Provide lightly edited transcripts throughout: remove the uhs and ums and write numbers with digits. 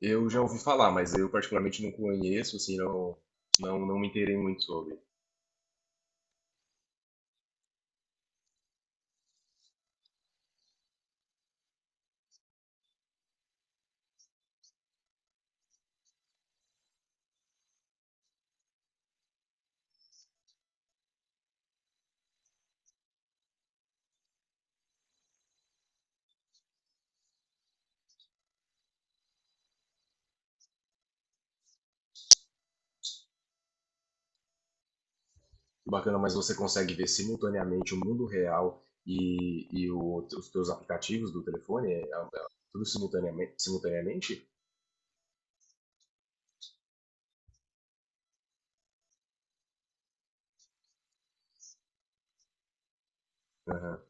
Eu já ouvi falar, mas eu particularmente não conheço, assim, não me inteirei muito sobre. Que bacana, mas você consegue ver simultaneamente o mundo real e os teus aplicativos do telefone, tudo simultaneamente? Aham.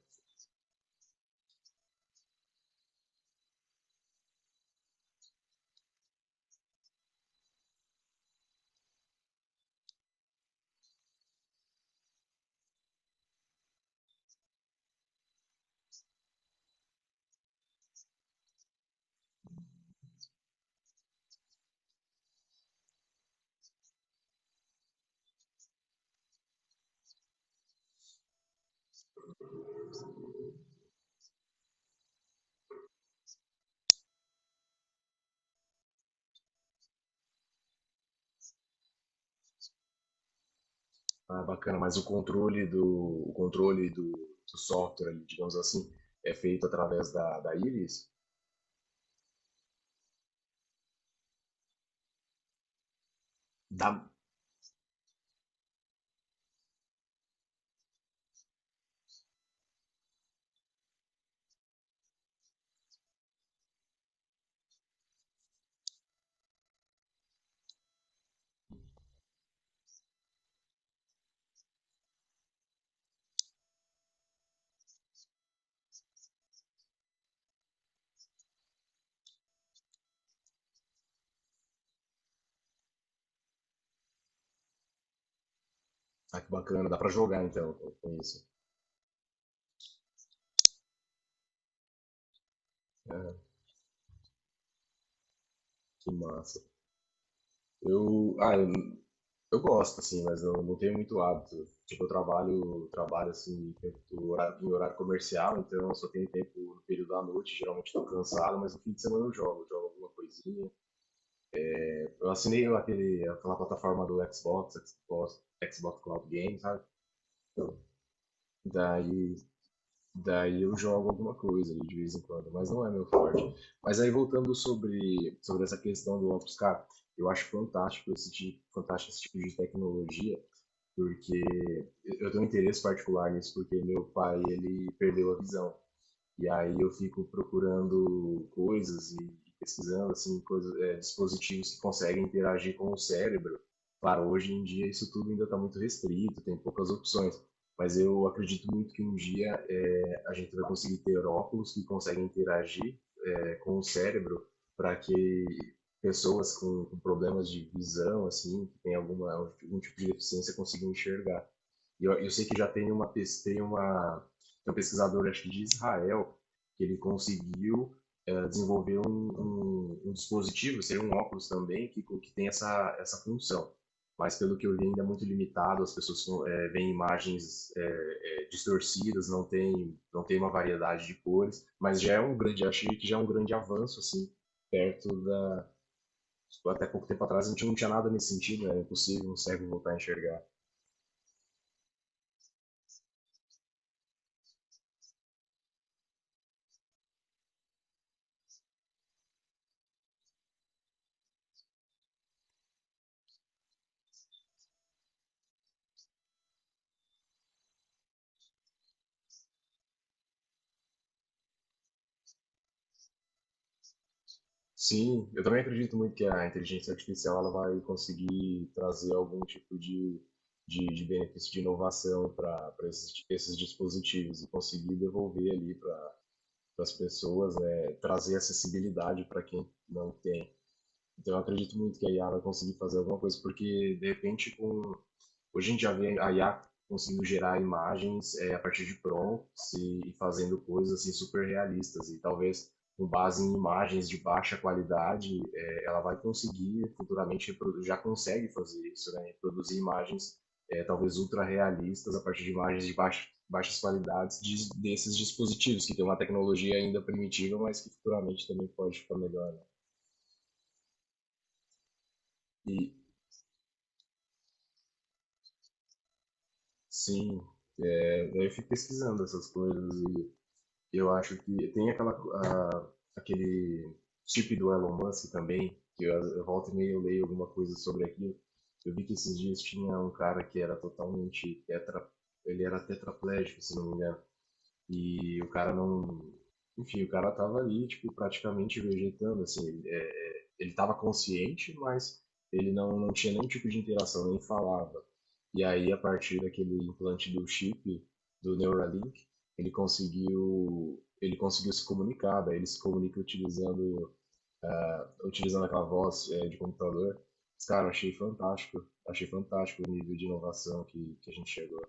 Ah, bacana, mas o controle do software, ali, digamos assim, é feito através da íris? Dá, ah, que bacana, dá pra jogar então com isso. Que massa. Eu, ah, Eu gosto, assim, mas eu não tenho muito hábito. Tipo, eu trabalho assim, tempo do horário, em horário comercial, então eu só tenho tempo no período da noite, geralmente estou cansado, mas no fim de semana eu jogo alguma coisinha. Eu assinei aquela plataforma do Xbox Cloud Games, sabe? Daí, daí eu jogo alguma coisa ali de vez em quando, mas não é meu forte. Mas aí voltando sobre essa questão do óculos, cara, eu acho fantástico esse tipo de tecnologia, porque eu tenho um interesse particular nisso, porque meu pai, ele perdeu a visão. E aí eu fico procurando coisas e pesquisando assim coisas, dispositivos que conseguem interagir com o cérebro. Claro, hoje em dia isso tudo ainda está muito restrito, tem poucas opções. Mas eu acredito muito que um dia a gente vai conseguir ter óculos que conseguem interagir com o cérebro para que pessoas com problemas de visão, assim, que tem algum tipo de deficiência, consigam enxergar. Eu sei que já tem um pesquisador, acho que de Israel, que ele conseguiu desenvolver um dispositivo, seria um óculos também, que tem essa função. Mas pelo que eu vi, ainda é muito limitado, as pessoas veem imagens distorcidas, não tem uma variedade de cores, mas já é um grande, achei que já é um grande avanço, assim, perto da. Até pouco tempo atrás a gente não tinha nada nesse sentido, era impossível um cego voltar a enxergar. Sim, eu também acredito muito que a inteligência artificial ela vai conseguir trazer algum tipo de benefício de inovação para esses dispositivos e conseguir devolver ali para as pessoas, né, trazer acessibilidade para quem não tem. Então eu acredito muito que a IA vai conseguir fazer alguma coisa, porque de repente com hoje a gente já vê a IA conseguindo gerar imagens a partir de prompts e fazendo coisas assim super realistas e talvez com base em imagens de baixa qualidade, ela vai conseguir futuramente já consegue fazer isso, né? Produzir imagens talvez ultra realistas a partir de imagens de baixas qualidades desses dispositivos que tem uma tecnologia ainda primitiva, mas que futuramente também pode ficar melhor, né? E sim, eu fico pesquisando essas coisas e eu acho que tem aquele chip do Elon Musk também, eu volto e meio leio alguma coisa sobre aquilo. Eu vi que esses dias tinha um cara que era ele era tetraplégico, se não me engano. E o cara não. Enfim, o cara tava ali, tipo, praticamente vegetando, assim. Ele tava consciente, mas ele não, não tinha nenhum tipo de interação, nem falava. E aí, a partir daquele implante do chip, do Neuralink, ele conseguiu se comunicar, daí ele se comunica utilizando aquela voz de computador. Cara, achei fantástico o nível de inovação que a gente chegou.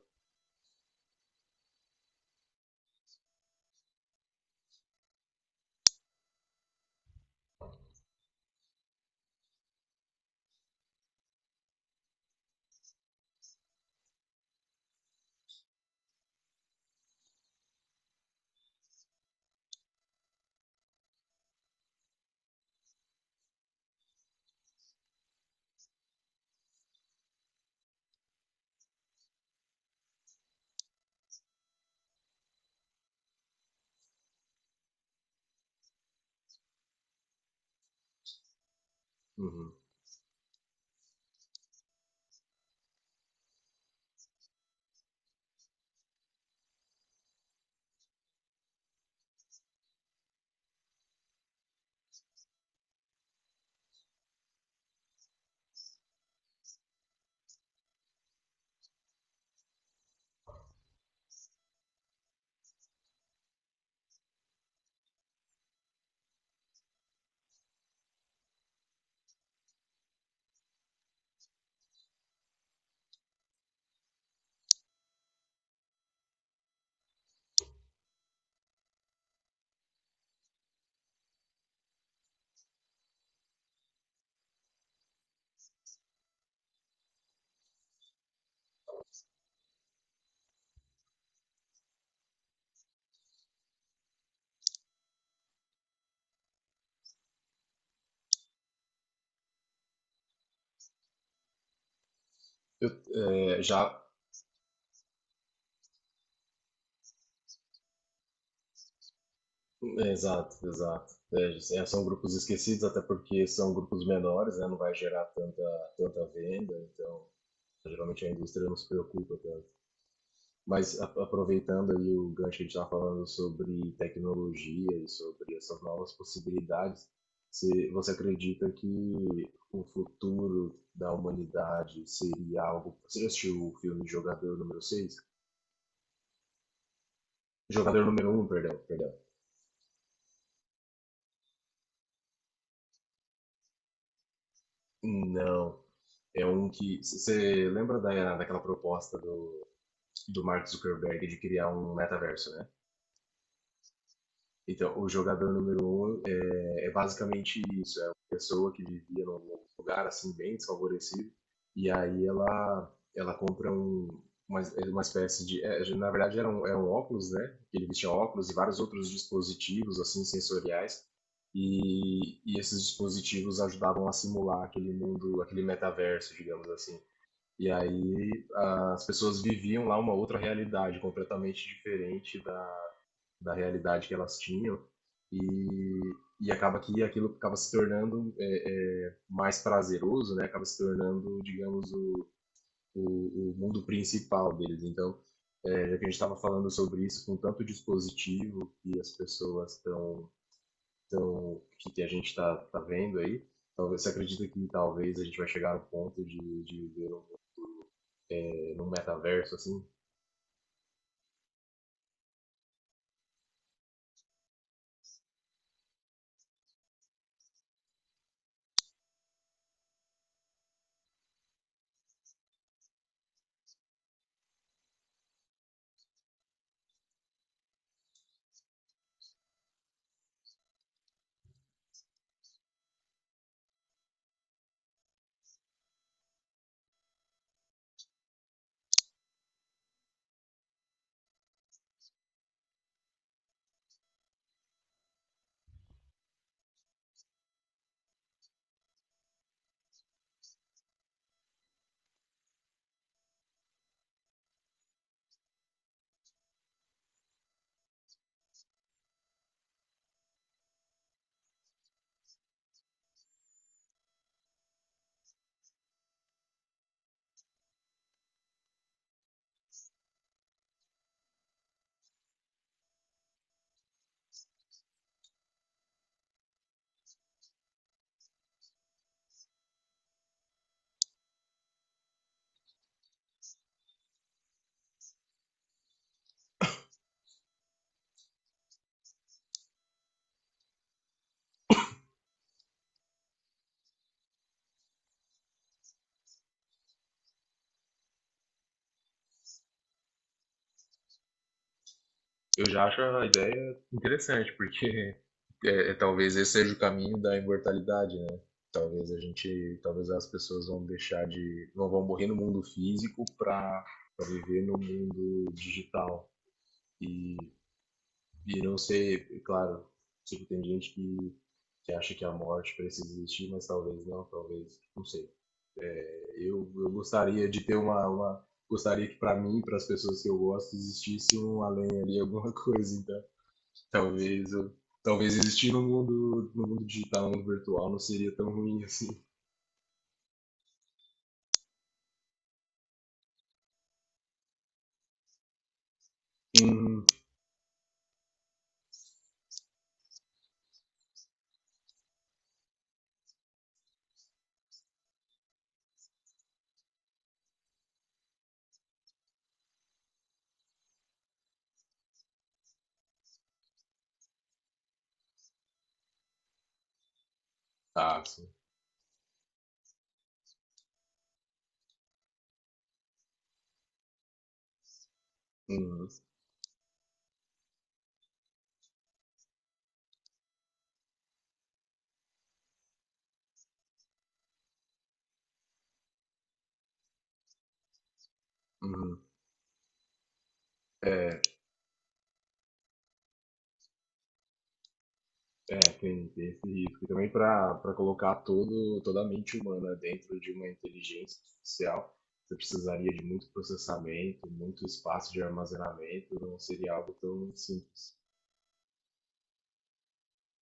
Uhum. Eu, é, já Exato, exato. São grupos esquecidos, até porque são grupos menores, né? Não vai gerar tanta venda, então geralmente a indústria não se preocupa tanto. Mas a, aproveitando aí o gancho que a gente estava falando sobre tecnologia e sobre essas novas possibilidades, se você acredita que o futuro da humanidade seria algo. Você já assistiu o filme Jogador número seis, Jogador número um, perdão. Não, é um que. Você lembra daquela proposta do Mark Zuckerberg de criar um metaverso, né? Então, o jogador número um é basicamente isso: é uma pessoa que vivia num lugar assim, bem desfavorecido, e aí ela compra uma, uma espécie de. É, na verdade, era um óculos, né? Ele vestia óculos e vários outros dispositivos, assim, sensoriais. E esses dispositivos ajudavam a simular aquele mundo, aquele metaverso, digamos assim. E aí as pessoas viviam lá uma outra realidade completamente diferente da realidade que elas tinham. E, e acaba que aquilo acaba se tornando mais prazeroso, né? Acaba se tornando, digamos, o o mundo principal deles. Então, já que a gente estava falando sobre isso com tanto dispositivo que as pessoas estão, que a gente está tá vendo aí, talvez você acredita que talvez a gente vai chegar no ponto de ver um, num metaverso assim. Eu já acho a ideia interessante, porque talvez esse seja o caminho da imortalidade, né? Talvez as pessoas vão deixar de, não vão morrer no mundo físico para viver no mundo digital. E, e não sei, é claro, sei que tem gente que acha que a morte precisa existir, mas talvez, não sei. Eu gostaria de ter uma gostaria que para mim, para as pessoas que eu gosto, existisse um além ali, alguma coisa, então talvez, talvez existir no mundo, no mundo digital, no mundo virtual, não seria tão ruim assim. Uhum, tá, sim. Uhum, uhum. É, tem esse risco. E também para colocar toda a mente humana dentro de uma inteligência artificial, você precisaria de muito processamento, muito espaço de armazenamento, não seria algo tão simples.